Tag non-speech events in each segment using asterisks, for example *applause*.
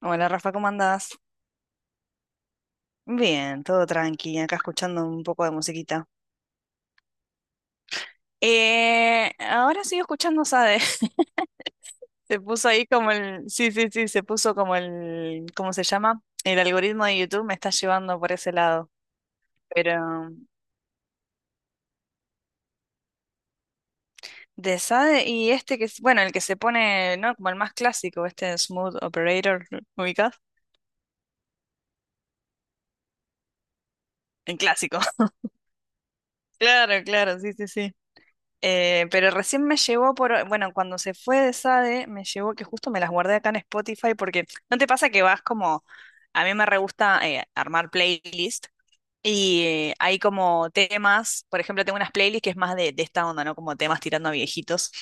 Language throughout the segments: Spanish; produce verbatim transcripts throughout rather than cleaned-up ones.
Hola Rafa, ¿cómo andás? Bien, todo tranqui, acá escuchando un poco de musiquita. Eh, ahora sigo escuchando Sade. *laughs* Se puso ahí como el, sí, sí, sí, se puso como el, ¿cómo se llama? El algoritmo de YouTube me está llevando por ese lado. Pero de Sade y este que es, bueno, el que se pone, ¿no? Como el más clásico, este Smooth Operator, ¿lo ¿ubicás? El clásico. *laughs* Claro, claro, sí, sí, sí. Eh, pero recién me llegó por, bueno, cuando se fue de Sade, me llegó que justo me las guardé acá en Spotify porque ¿no te pasa que vas como, a mí me re gusta eh, armar playlist y eh, hay como temas, por ejemplo, tengo unas playlists que es más de, de esta onda, ¿no? Como temas tirando a viejitos.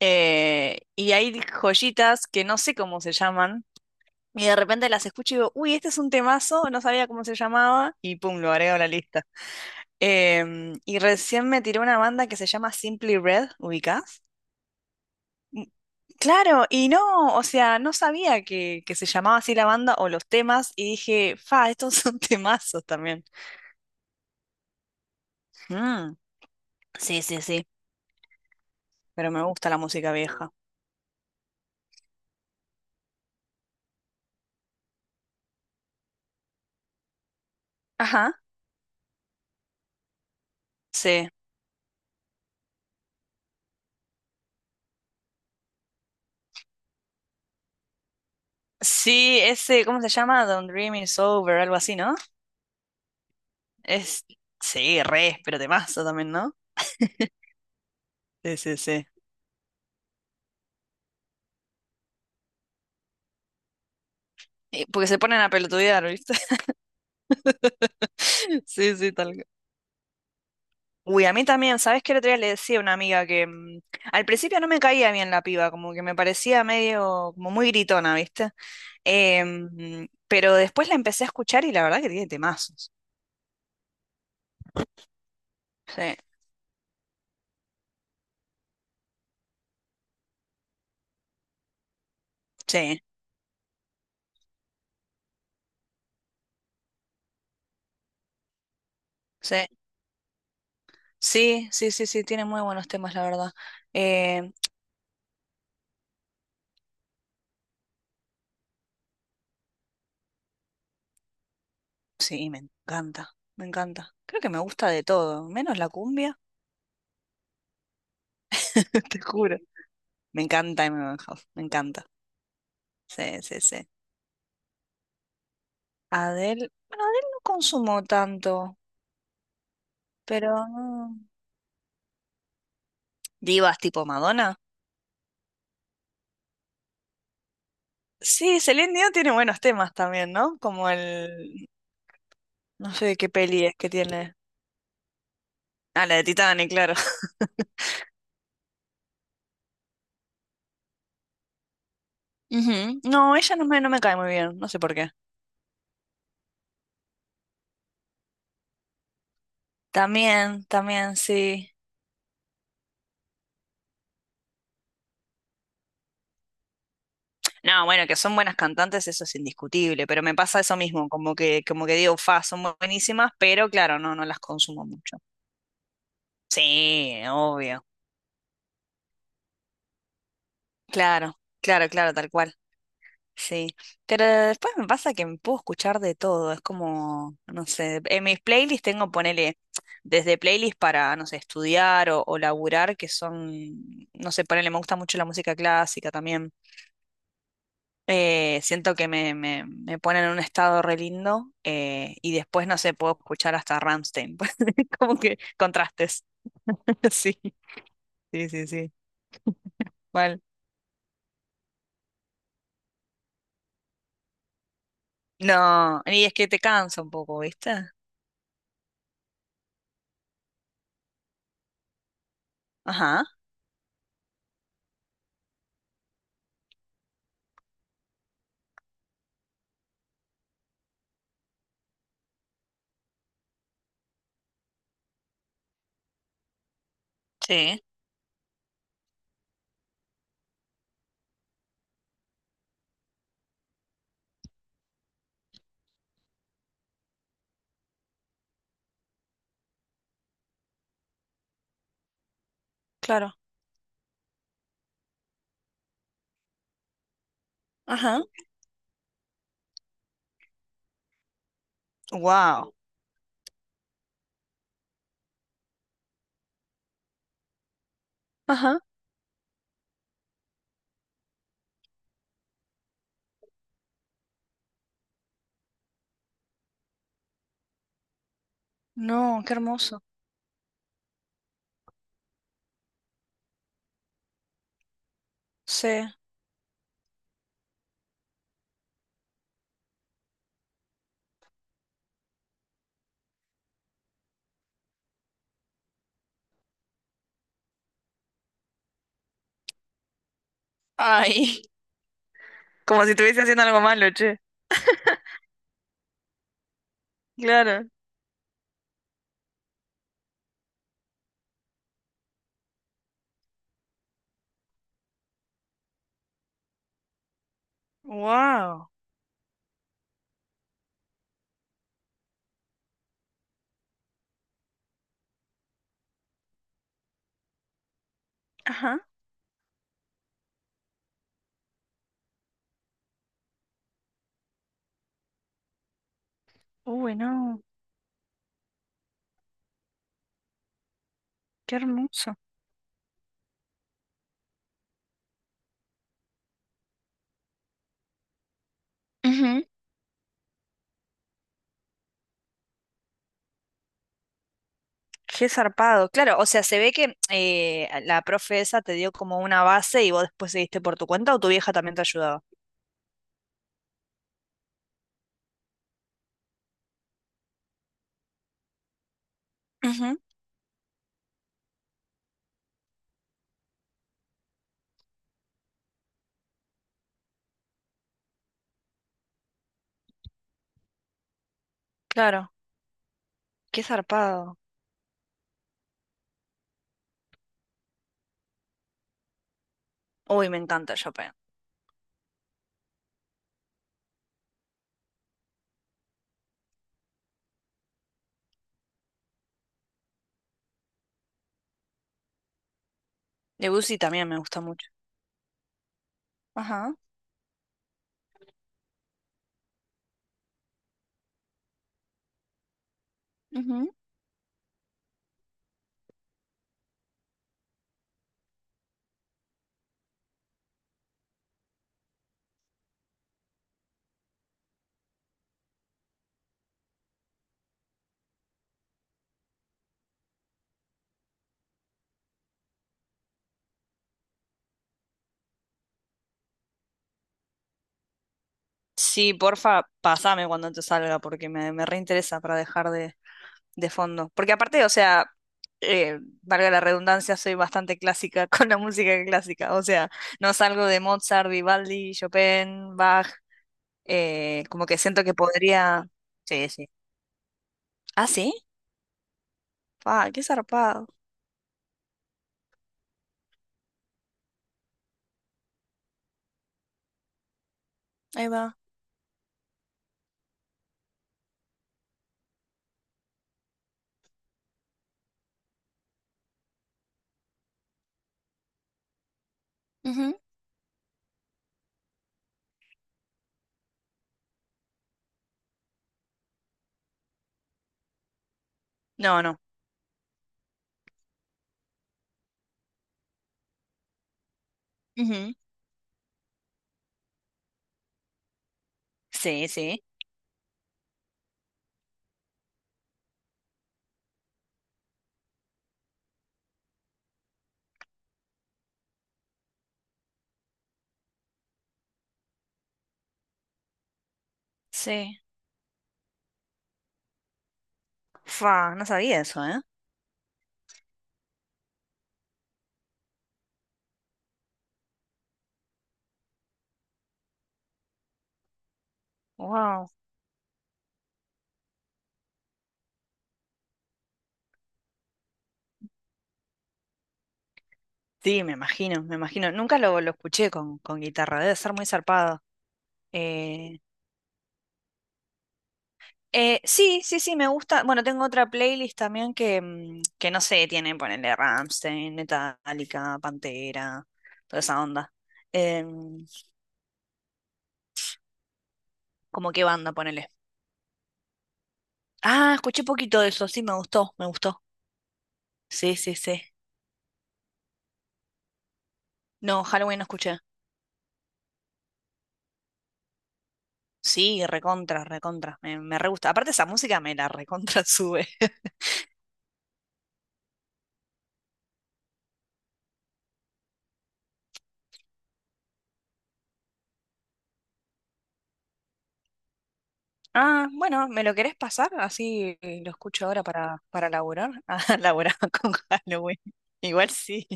eh, Y hay joyitas que no sé cómo se llaman y de repente las escucho y digo, uy, este es un temazo, no sabía cómo se llamaba y pum, lo agrego a la lista. Em, y recién me tiró una banda que se llama Simply Red, ¿ubicás? Mm. Claro, y no, o sea, no sabía que, que se llamaba así la banda o los temas, y dije, fa, estos son *laughs* temazos también. Mm, sí, sí, sí, pero me gusta la música vieja. Ajá, sí. Sí, ese, ¿cómo se llama? Don't Dream It's Over, algo así, ¿no? Es, sí, re, pero temazo también, ¿no? Sí, sí, sí. Y... Porque se ponen a pelotudear, ¿viste? *laughs* Sí, sí, tal. Uy, a mí también, ¿sabes qué? El otro día le decía a una amiga que mm, al principio no me caía bien la piba, como que me parecía medio, como muy gritona, ¿viste? Eh, mm, pero después la empecé a escuchar y la verdad que tiene temazos. Sí, sí, sí, sí, sí, sí, sí, tiene muy buenos temas, la verdad. Eh, sí, me encanta, me encanta. Creo que me gusta de todo, menos la cumbia, *laughs* te juro. Me encanta Amy Winehouse, me encanta. Sí, sí, sí. Adele, bueno, Adele no consumo tanto, pero no. Divas tipo Madonna. Sí, Celine Dion tiene buenos temas también, ¿no? Como el... No sé qué peli es que tiene. Ah, la de Titanic, claro. *laughs* Ujú. No, ella no me, no me cae muy bien, no sé por qué. También, también, sí. No, bueno, que son buenas cantantes, eso es indiscutible, pero me pasa eso mismo, como que, como que digo, fa, son buenísimas, pero claro, no, no las consumo mucho. Sí, obvio. Claro, claro, claro, tal cual. Sí, pero después me pasa que me puedo escuchar de todo, es como, no sé, en mis playlists tengo, ponele, desde playlists para, no sé, estudiar o, o laburar, que son, no sé, ponele, me gusta mucho la música clásica también. Eh, siento que me, me, me ponen en un estado re lindo eh, y después, no sé, puedo escuchar hasta Rammstein, *laughs* como que contrastes. *laughs* Sí, sí, sí, sí, mal. No, y es que te cansa un poco, ¿viste? Ajá, sí, claro, ajá, wow. Ajá. No, qué hermoso. Sí. Ay, *laughs* como si estuviese haciendo algo malo, che. Claro. Wow. Ajá. Uy, no, qué hermoso. Ujú. Qué zarpado. Claro, o sea, se ve que eh, la profe esa te dio como una base y vos después seguiste por tu cuenta o tu vieja también te ayudaba. Ujú. Claro, qué zarpado. Uy, me encanta Chopin. Debussy también me gusta mucho. Ajá. Ujú. Sí, porfa, pasame cuando te salga porque me, me reinteresa para dejar de, de fondo. Porque aparte, o sea, eh, valga la redundancia, soy bastante clásica *laughs* con la música clásica. O sea, no salgo de Mozart, Vivaldi, Chopin, Bach. Eh, como que siento que podría. Sí, sí. Ah, sí. Ah, qué zarpado. Ahí va. Ujú. No, no. Ujú. Sí, sí. Sí. Fa, no sabía eso, ¿eh? Wow. Sí, me imagino, me imagino. Nunca lo, lo escuché con, con guitarra. Debe ser muy zarpado. Eh, Eh, sí, sí, sí, me gusta. Bueno, tengo otra playlist también que, mm, que no sé, tiene, ponele Rammstein, Metallica, Pantera, toda esa onda. Em, ¿Cómo qué banda, ponele? Ah, escuché poquito de eso, sí, me gustó, me gustó. Sí, sí, sí. No, Halloween no escuché. Sí, recontra, recontra. Me, me re gusta. Aparte esa música me la recontra sube. *laughs* Ah, bueno, ¿me lo querés pasar? Así eh, lo escucho ahora para, para laburar. *laughs* Ah, laburar con Halloween. Igual sí.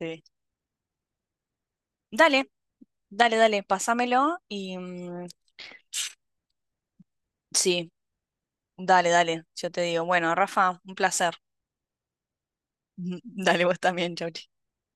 Sí. Dale. Dale, dale, pásamelo y mm, sí, dale, dale, yo te digo. Bueno, Rafa, un placer. *laughs* Dale, vos también, chau.